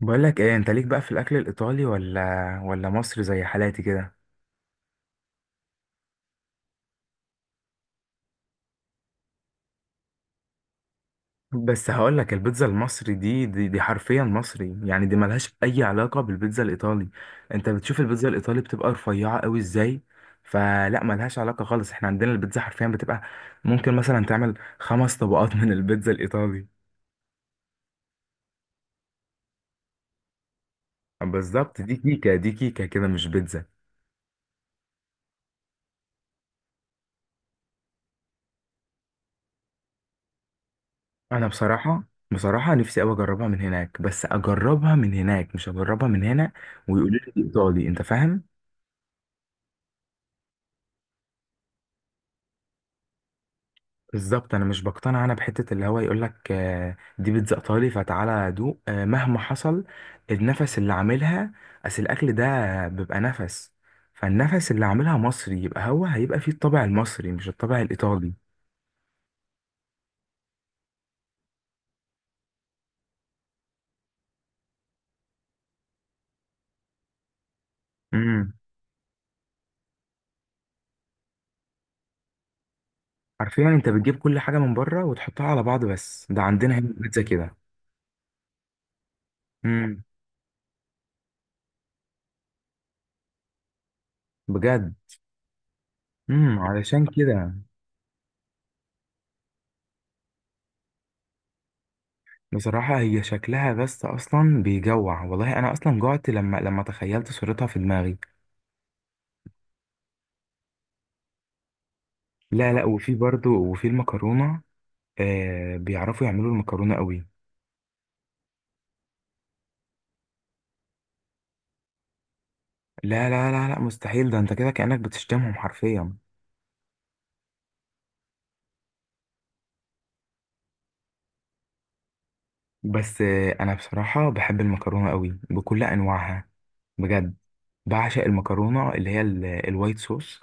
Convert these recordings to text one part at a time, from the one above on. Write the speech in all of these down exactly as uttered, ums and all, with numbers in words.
بقول لك ايه، انت ليك بقى في الاكل الايطالي ولا ولا مصري زي حالاتي كده؟ بس هقول لك البيتزا المصري دي, دي دي حرفيا مصري، يعني دي ملهاش اي علاقه بالبيتزا الايطالي. انت بتشوف البيتزا الايطالي بتبقى رفيعه قوي ازاي؟ فلا ملهاش علاقه خالص، احنا عندنا البيتزا حرفيا بتبقى ممكن مثلا تعمل خمس طبقات من البيتزا الايطالي. بالظبط، دي كيكه، دي كيكه كده مش بيتزا. انا بصراحه بصراحه نفسي قوي اجربها من هناك، بس اجربها من هناك مش اجربها من هنا، ويقولوا لي دي ايطالي، انت فاهم. بالظبط، انا مش بقتنع. انا بحته اللي هو يقول لك آه، دي بيتزا ايطالي، فتعالى دوق، آه، مهما حصل النفس اللي عاملها. اصل الاكل ده بيبقى نفس، فالنفس اللي عاملها مصري يبقى هو هيبقى فيه الطابع المصري مش الطابع الايطالي. امم. عارفين، انت بتجيب كل حاجه من بره وتحطها على بعض، بس ده عندنا هنا البيتزا كده. امم. بجد. امم، علشان كده. بصراحه هي شكلها بس اصلا بيجوع، والله انا اصلا جوعت لما لما تخيلت صورتها في دماغي. لا لا، وفي برضو، وفي المكرونة. آه بيعرفوا يعملوا المكرونة قوي. لا لا لا لا، مستحيل. ده انت كده كأنك بتشتمهم حرفيا. بس آه انا بصراحة بحب المكرونة قوي بكل انواعها. بجد. بعشق المكرونة اللي هي ال- الوايت صوص.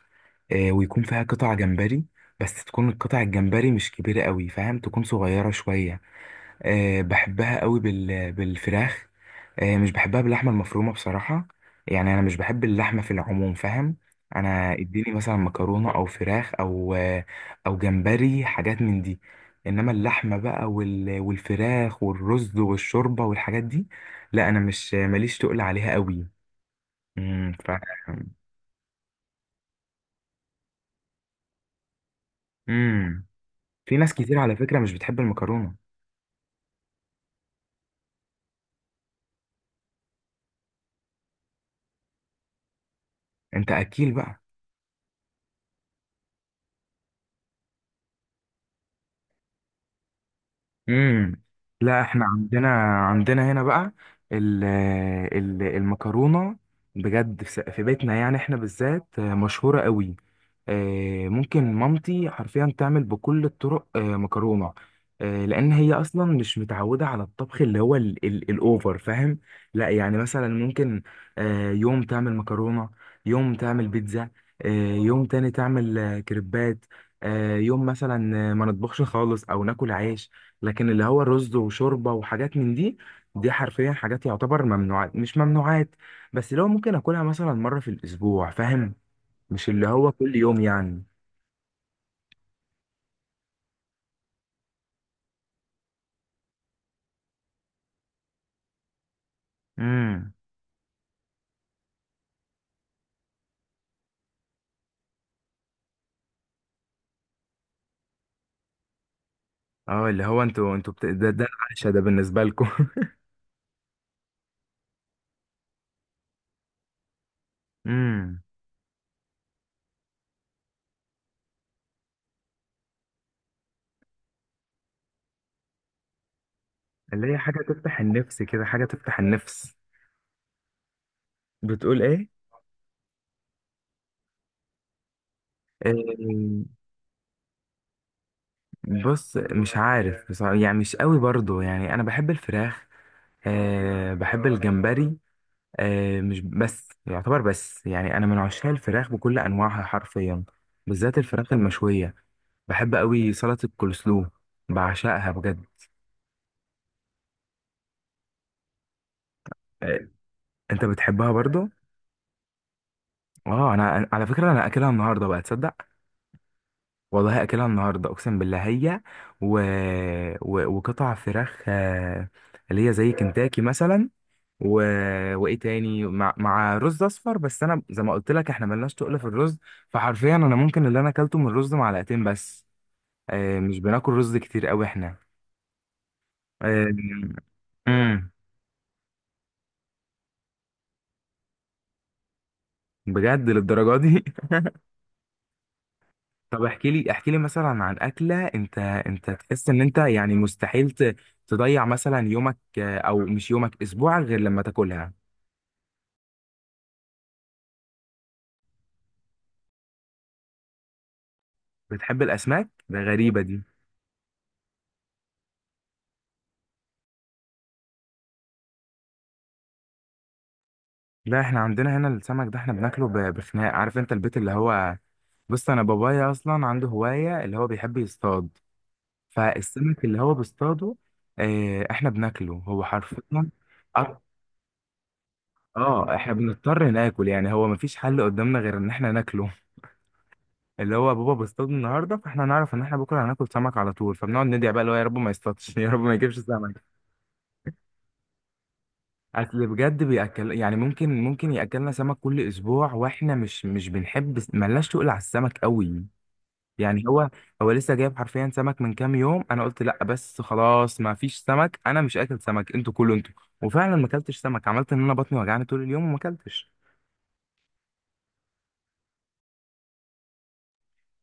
آه ويكون فيها قطع جمبري، بس تكون القطع الجمبري مش كبيرة قوي، فاهم، تكون صغيرة شوية. آه بحبها قوي بال بالفراخ. آه، مش بحبها باللحمه المفرومه بصراحه. يعني انا مش بحب اللحمه في العموم، فاهم. انا اديني مثلا مكرونه او فراخ او آه، او جمبري، حاجات من دي. انما اللحمه بقى وال- والفراخ والرز والشوربه والحاجات دي، لا انا مش ماليش تقل عليها قوي. امم ف امم. في ناس كتير على فكره مش بتحب المكرونه. انت اكيل بقى؟ امم. لا احنا عندنا عندنا هنا بقى ال- ال- المكرونه، بجد في في بيتنا يعني احنا بالذات مشهوره قوي. آه، ممكن مامتي حرفيا تعمل بكل الطرق آه، مكرونة. آه، لأن هي أصلا مش متعودة على الطبخ اللي هو ال ال الأوفر، فاهم؟ لا يعني مثلا ممكن آه، يوم تعمل مكرونة، يوم تعمل بيتزا، آه، يوم تاني تعمل آه، كريبات، آه، يوم مثلا آه، ما نطبخش خالص أو ناكل عيش. لكن اللي هو رز وشوربة وحاجات من دي، دي حرفيا حاجات يعتبر ممنوعات مش ممنوعات، بس لو ممكن أكلها مثلا مرة في الأسبوع، فاهم؟ مش اللي هو كل يوم يعني. امم. اه، اللي هو انتوا انتوا بت... ده ده العشاء ده بالنسبة لكم. امم. اللي هي حاجة تفتح النفس كده، حاجة تفتح النفس. بتقول ايه؟ آه، بص، مش عارف بصراحة، يعني مش قوي برضو. يعني انا بحب الفراخ، آه، بحب الجمبري. آه، مش بس يعتبر بس، يعني انا من عشاق الفراخ بكل انواعها حرفيا، بالذات الفراخ المشوية. بحب قوي سلطة الكولسلو، بعشقها بجد. آه، انت بتحبها برضو؟ اه، انا أنا- على فكره انا اكلها النهارده بقى، تصدق؟ والله اكلها النهارده، اقسم بالله. هي و... و... وقطع فراخ آه، اللي هي زي كنتاكي مثلا، و... وايه تاني مع... مع رز اصفر، بس انا زي ما قلت لك احنا ملناش تقل في الرز. فحرفيا انا ممكن اللي انا اكلته من الرز معلقتين بس. آه، مش بناكل رز كتير قوي احنا. آه، امم. بجد للدرجه دي؟ طب احكي لي، احكي لي مثلا عن اكله انت انت تحس ان انت يعني مستحيل ت- تضيع مثلا يومك، آه، او مش يومك، اسبوعك، غير لما تاكلها. بتحب الاسماك؟ ده غريبه دي. لا احنا عندنا هنا السمك ده احنا بناكله ب- بخناق، عارف؟ انت البيت اللي هو، بص، انا بابايا اصلا عنده هوايه اللي هو بيحب يصطاد، فالسمك اللي هو بيصطاده آه، احنا بناكله هو حرفيا. أك- اه، احنا بنضطر ناكل، يعني هو مفيش حل قدامنا غير ان احنا ناكله. اللي هو بابا بيصطاد النهارده فاحنا هنعرف ان احنا بكره هناكل سمك على طول، فبنقعد ندعي بقى اللي هو يا رب ما يصطادش، يا رب ما يجيبش سمك. اصل بجد بياكل، يعني ممكن ممكن ياكلنا سمك كل اسبوع، واحنا مش مش بنحب، ملناش تقول على السمك قوي. يعني هو هو لسه جايب حرفيا سمك من كام يوم. انا قلت لا بس خلاص، ما فيش سمك، انا مش اكل سمك، انتوا كلوا انتوا. وفعلا ما اكلتش سمك. عملت ان انا بطني وجعني طول اليوم وما اكلتش.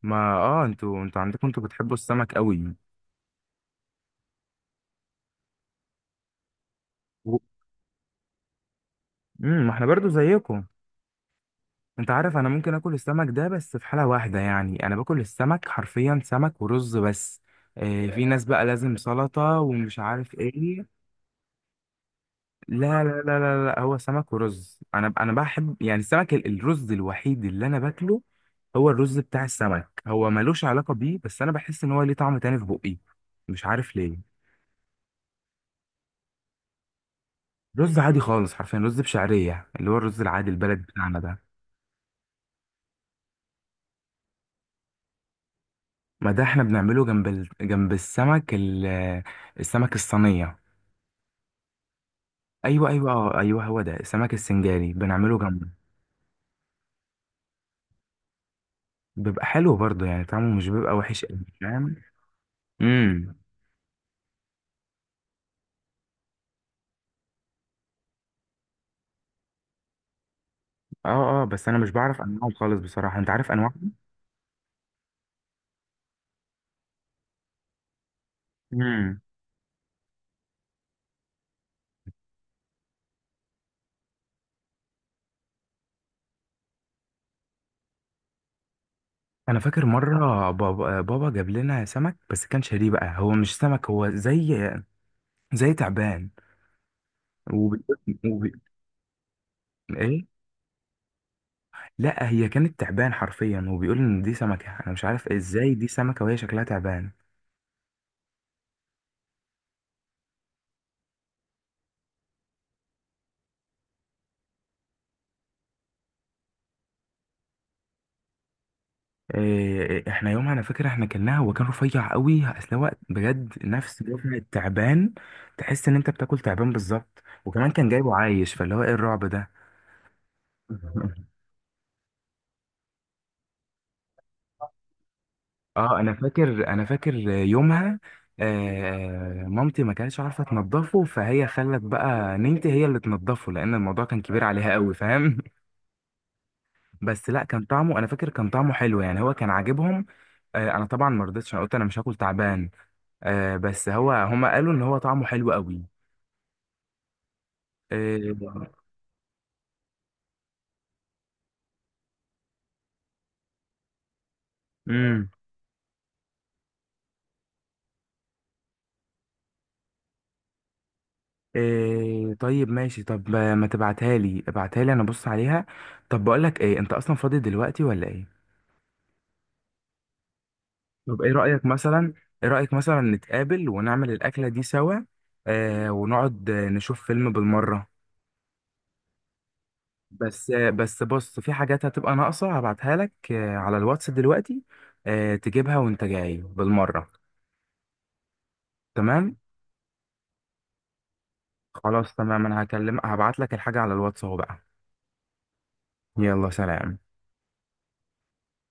ما اه، انتوا انتوا عندكم، انتوا بتحبوا السمك قوي. امم، ما احنا برضو زيكم. انت عارف، انا ممكن اكل السمك ده بس في حالة واحدة، يعني انا باكل السمك حرفيا سمك ورز بس. آه، في ناس بقى لازم سلطة ومش عارف ايه. لا لا لا لا لا، هو سمك ورز. انا انا بحب يعني السمك ال- الرز الوحيد اللي انا باكله هو الرز بتاع السمك. هو ملوش علاقة بيه، بس انا بحس ان هو ليه طعم تاني في بقي، مش عارف ليه. رز عادي خالص، حرفيا رز بشعرية، اللي هو الرز العادي البلد بتاعنا ده. ما ده احنا بنعمله جنب ال... جنب السمك، ال... السمك الصينية. ايوه ايوه، اه، ايوه، هو ده السمك السنجاري بنعمله جنبه. بيبقى حلو برضه، يعني طعمه مش بيبقى وحش قوي، فاهم. امم. اه اه، بس انا مش بعرف انواعه خالص بصراحه، انت عارف انواعه؟ امم. انا فاكر مره بابا بابا جاب لنا سمك، بس كان شاريه بقى هو مش سمك، هو زي زي تعبان. وبي... وبي... ايه. لا هي كانت تعبان حرفيا، وبيقول ان دي سمكه، انا مش عارف ازاي دي سمكه وهي شكلها تعبان. إيه، احنا يومها انا فاكر احنا كلناها، هو كان رفيع قوي، اصل هو بجد نفس وزن التعبان، تحس ان انت بتاكل تعبان بالظبط، وكمان كان جايبه عايش، فاللي هو ايه الرعب ده. اه، انا فاكر انا فاكر يومها. آه مامتي ما كانتش عارفه تنضفه، فهي خلت بقى نينتي هي اللي تنضفه، لان الموضوع كان كبير عليها قوي، فاهم. بس لا، كان طعمه انا فاكر كان طعمه حلو، يعني هو كان عاجبهم. آه انا طبعا ما رضيتش، انا قلت انا مش هاكل تعبان. آه بس هو هما قالوا ان هو طعمه حلو قوي. إيه. امم. إيه، طيب ماشي. طب آه، ما تبعتها لي، ابعتها لي انا ابص عليها. طب بقول لك ايه، انت اصلا فاضي دلوقتي ولا ايه؟ طب ايه رأيك مثلا ايه رأيك مثلا نتقابل ونعمل الاكلة دي سوا؟ آه ونقعد آه، نشوف فيلم بالمرة. بس آه بس بص، في حاجات هتبقى ناقصة، هبعتها لك آه على الواتس دلوقتي. آه تجيبها وانت جاي بالمرة. تمام، خلاص تمام. انا هكلم هبعت لك الحاجة على الواتس اهو بقى. يلا، سلام.